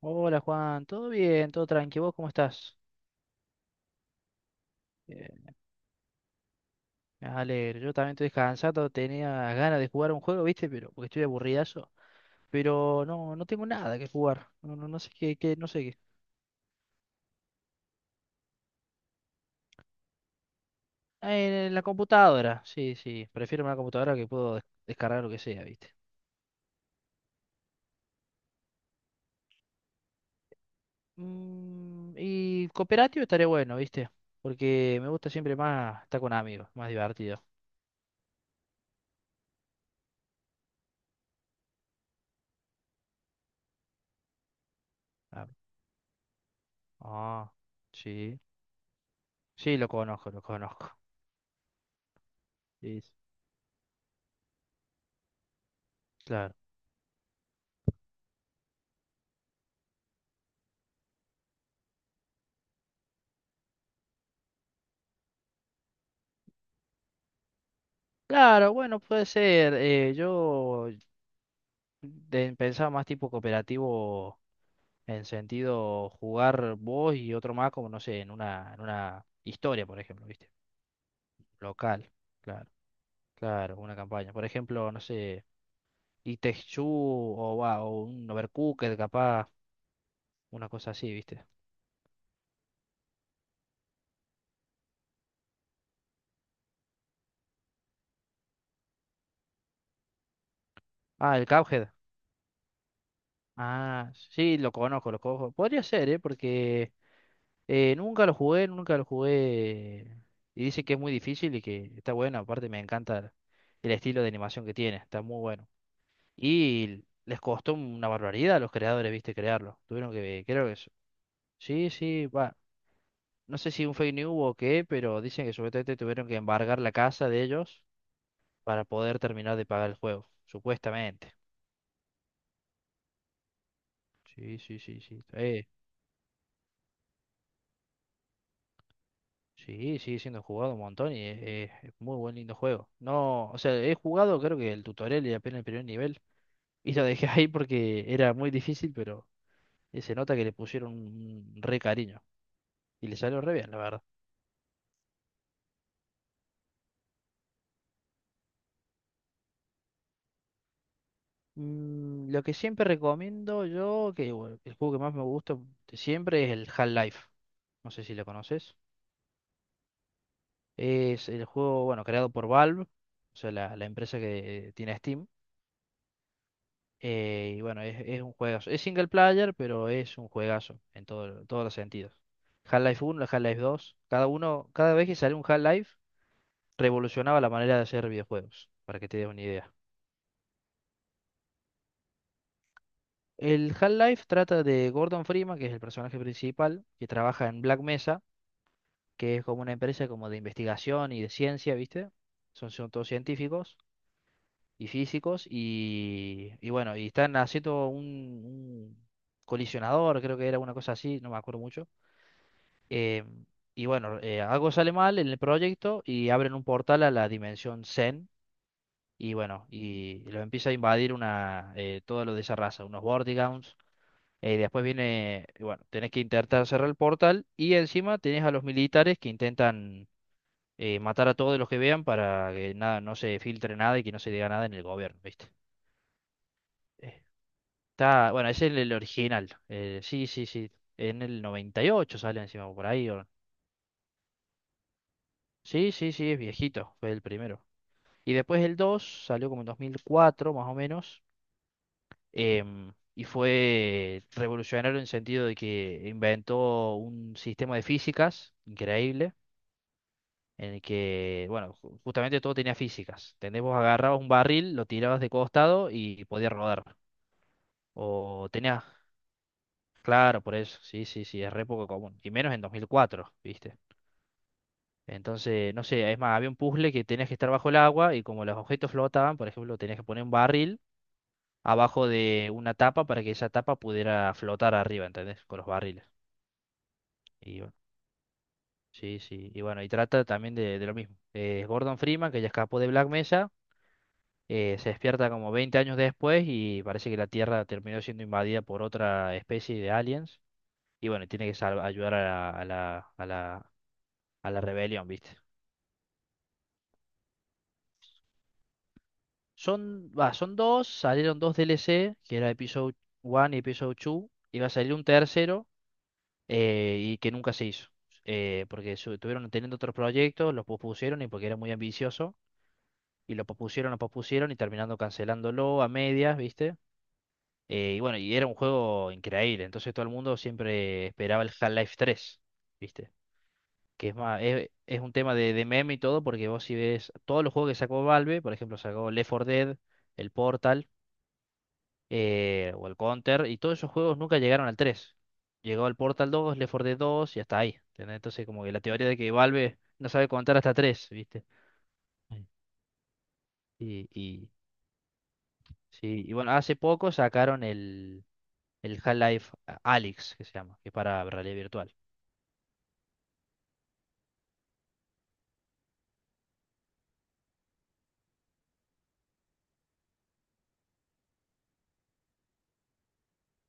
Hola Juan, todo bien, todo tranquilo, ¿vos cómo estás? Bien, me alegro, yo también estoy descansado, tenía ganas de jugar un juego, ¿viste? Pero, porque estoy aburridazo, pero no, no tengo nada que jugar, no sé qué, no sé qué. Ah, en la computadora, sí, sí, prefiero una computadora que puedo descargar lo que sea, ¿viste? Y cooperativo estaría bueno, ¿viste? Porque me gusta siempre más estar con amigos, más divertido. Ah, ah, sí, sí, lo conozco, lo conozco. Sí, claro. Claro, bueno, puede ser. Yo pensaba más tipo cooperativo en sentido jugar vos y otro más, como no sé, en una historia, por ejemplo, ¿viste? Local, claro, claro, una campaña. Por ejemplo, no sé, It o, va, o un Overcooked, capaz, una cosa así, ¿viste? Ah, el Cuphead. Ah, sí, lo conozco, lo conozco. Podría ser, ¿eh? Porque nunca lo jugué, nunca lo jugué. Y dice que es muy difícil y que está bueno. Aparte me encanta el estilo de animación que tiene, está muy bueno. Y les costó una barbaridad a los creadores, viste, crearlo. Tuvieron que, creo que eso. Sí, sí, va. No sé si un fake news o qué, pero dicen que supuestamente tuvieron que embargar la casa de ellos para poder terminar de pagar el juego, supuestamente. Sí, Sí, sigue siendo jugado un montón y es muy buen lindo juego. No, o sea, he jugado creo que el tutorial y apenas el primer nivel y lo dejé ahí porque era muy difícil, pero se nota que le pusieron un re cariño y le salió re bien, la verdad. Lo que siempre recomiendo yo, que bueno, el juego que más me gusta de siempre es el Half-Life. No sé si lo conoces. Es el juego, bueno, creado por Valve, o sea, la empresa que tiene Steam. Bueno, es un juegazo. Es single player, pero es un juegazo en todo, todos los sentidos. Half-Life uno, Half-Life dos, cada uno, cada vez que sale un Half-Life, revolucionaba la manera de hacer videojuegos, para que te des una idea. El Half-Life trata de Gordon Freeman, que es el personaje principal, que trabaja en Black Mesa, que es como una empresa como de investigación y de ciencia, ¿viste? Son todos científicos y físicos y bueno, y están haciendo un colisionador, creo que era una cosa así, no me acuerdo mucho. Eh, algo sale mal en el proyecto y abren un portal a la dimensión Zen. Y bueno, y lo empieza a invadir una, todo lo de esa raza, unos Vortigaunts. Después viene, y bueno, tenés que intentar cerrar el portal y encima tenés a los militares que intentan matar a todos los que vean para que nada, no se filtre nada y que no se diga nada en el gobierno, ¿viste? Eh, Está, bueno, ese es el original. Sí, sí, sí. En el 98 sale encima por ahí. Sí, sí, sí, es viejito. Fue el primero. Y después el 2 salió como en 2004, más o menos, y fue revolucionario en el sentido de que inventó un sistema de físicas increíble, en el que, bueno, justamente todo tenía físicas. ¿Entendés? Vos agarrabas un barril, lo tirabas de costado y podía rodar. O tenías, claro, por eso, sí, sí, sí, es re poco común. Y menos en 2004, ¿viste? Entonces, no sé, es más, había un puzzle que tenías que estar bajo el agua y como los objetos flotaban, por ejemplo, tenías que poner un barril abajo de una tapa para que esa tapa pudiera flotar arriba, ¿entendés? Con los barriles. Y bueno, sí, sí. Y bueno, y trata también de lo mismo. Gordon Freeman, que ya escapó de Black Mesa, se despierta como 20 años después y parece que la Tierra terminó siendo invadida por otra especie de aliens. Y bueno, tiene que ayudar a la, a la rebelión, ¿viste? Son, va, son dos, salieron dos DLC, que era Episode 1 y Episode 2. Iba a salir un tercero, que nunca se hizo, porque estuvieron teniendo otros proyectos, los pospusieron y porque era muy ambicioso, lo pospusieron y terminando cancelándolo a medias, ¿viste? Bueno, y era un juego increíble, entonces todo el mundo siempre esperaba el Half-Life 3, ¿viste? Que es más, es un tema de meme y todo, porque vos si ves todos los juegos que sacó Valve, por ejemplo, sacó Left 4 Dead, el Portal, o el Counter, y todos esos juegos nunca llegaron al tres. Llegó el Portal dos, Left 4 Dead 2 y hasta ahí. ¿Entendés? Entonces, como que la teoría de que Valve no sabe contar hasta tres, ¿viste? Sí. Y, y, sí, y bueno, hace poco sacaron el Half-Life Alyx, que se llama, que es para realidad virtual.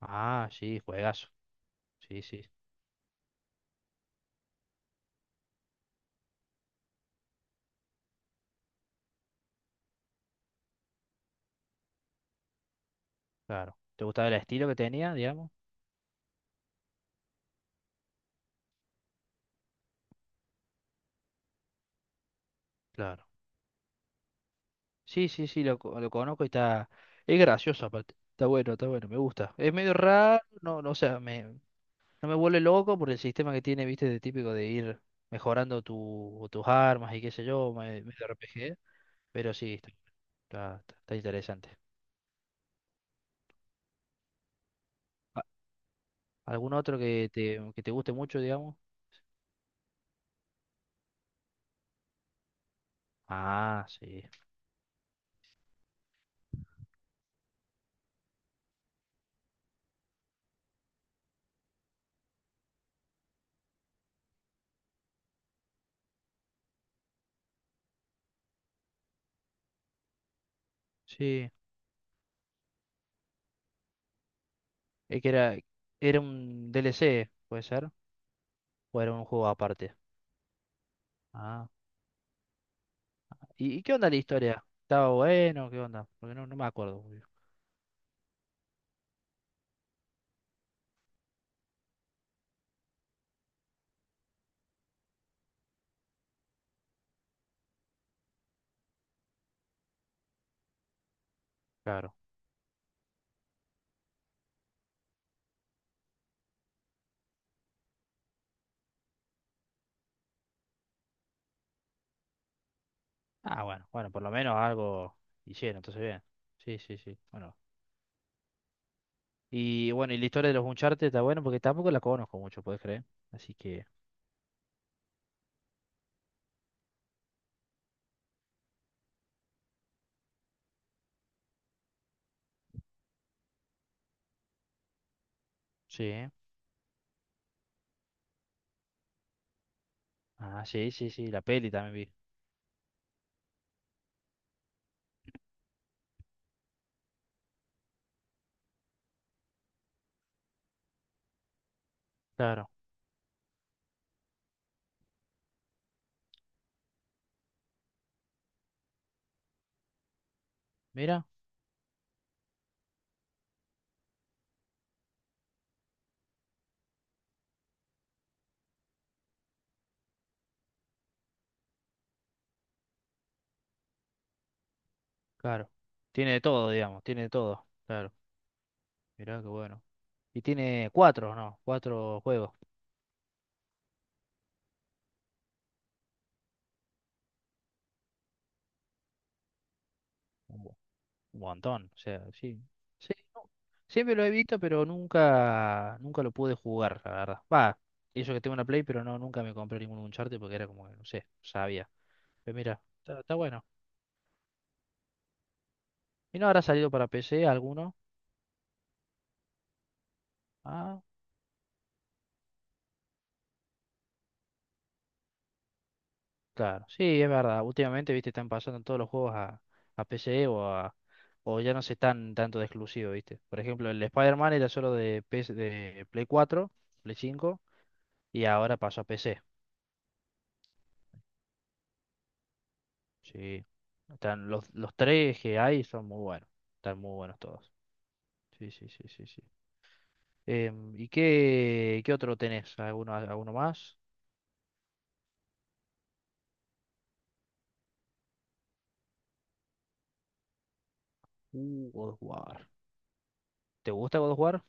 Ah, sí, juegazo. Sí, sí, claro. ¿Te gustaba el estilo que tenía, digamos? Claro. Sí, sí, sí, lo, lo conozco y está... Es gracioso aparte. Está bueno, me gusta. Es medio raro, o sea, me, no me vuelve loco por el sistema que tiene, viste, de típico de ir mejorando tu, tus armas y qué sé yo, medio RPG. Pero sí, está, está interesante. A- ¿Algún otro que te guste mucho, digamos? Ah, sí. Sí. Es que era, era un DLC, puede ser. O era un juego aparte. Ah. ¿Y qué onda la historia? ¿Estaba bueno? ¿Qué onda? Porque no, no me acuerdo muy bien. Claro. Ah, bueno. Bueno, por lo menos algo hicieron, entonces bien. Sí, sí, sí. Bueno. Y bueno, y la historia de los Uncharted está bueno porque tampoco la conozco mucho, puedes creer. Así que, sí. Ah, sí, sí, sí, la peli también vi. Claro, mira, claro. Tiene de todo, digamos, tiene de todo. Claro, mira qué bueno. Y tiene cuatro, ¿no? Cuatro juegos. Un mo- un montón, o sea, sí. Sí, no, siempre lo he visto, pero nunca, nunca lo pude jugar, la verdad. Va, eso que tengo una Play, pero no, nunca me compré ningún Uncharted porque era como, que, no sé, sabía. Pero mira, está, está bueno. ¿Y no habrá salido para PC alguno? Ah, claro, sí, es verdad. Últimamente, viste, están pasando todos los juegos a PC o a, o ya no se están tanto de exclusivo, viste. Por ejemplo, el Spider-Man era solo de PS, de Play 4, Play cinco y ahora pasó a PC. Sí. Están los tres que hay son muy buenos. Están muy buenos todos. Sí, sí, sí, sí, sí. ¿Y qué, qué otro tenés? ¿Alguno, alguno más? God of War. ¿Te gusta God of War?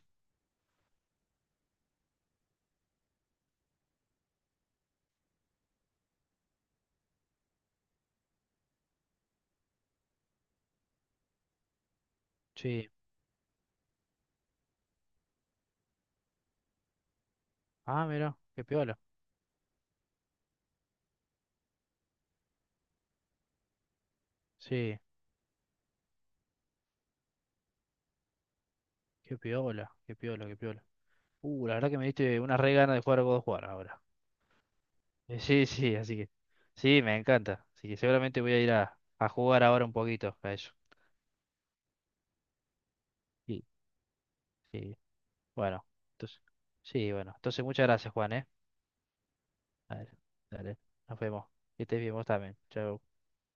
Sí. Ah, mira, qué piola. Sí, qué piola, qué piola, qué piola. La verdad que me diste una re gana de jugar a God of War ahora. Sí, sí, así que. Sí, me encanta. Así que seguramente voy a ir a jugar ahora un poquito a eso. Sí, sí. Bueno, entonces. Sí, bueno. Entonces, muchas gracias, Juan, ¿eh? Dale, dale. Nos vemos. Que estés bien vos también. Chao.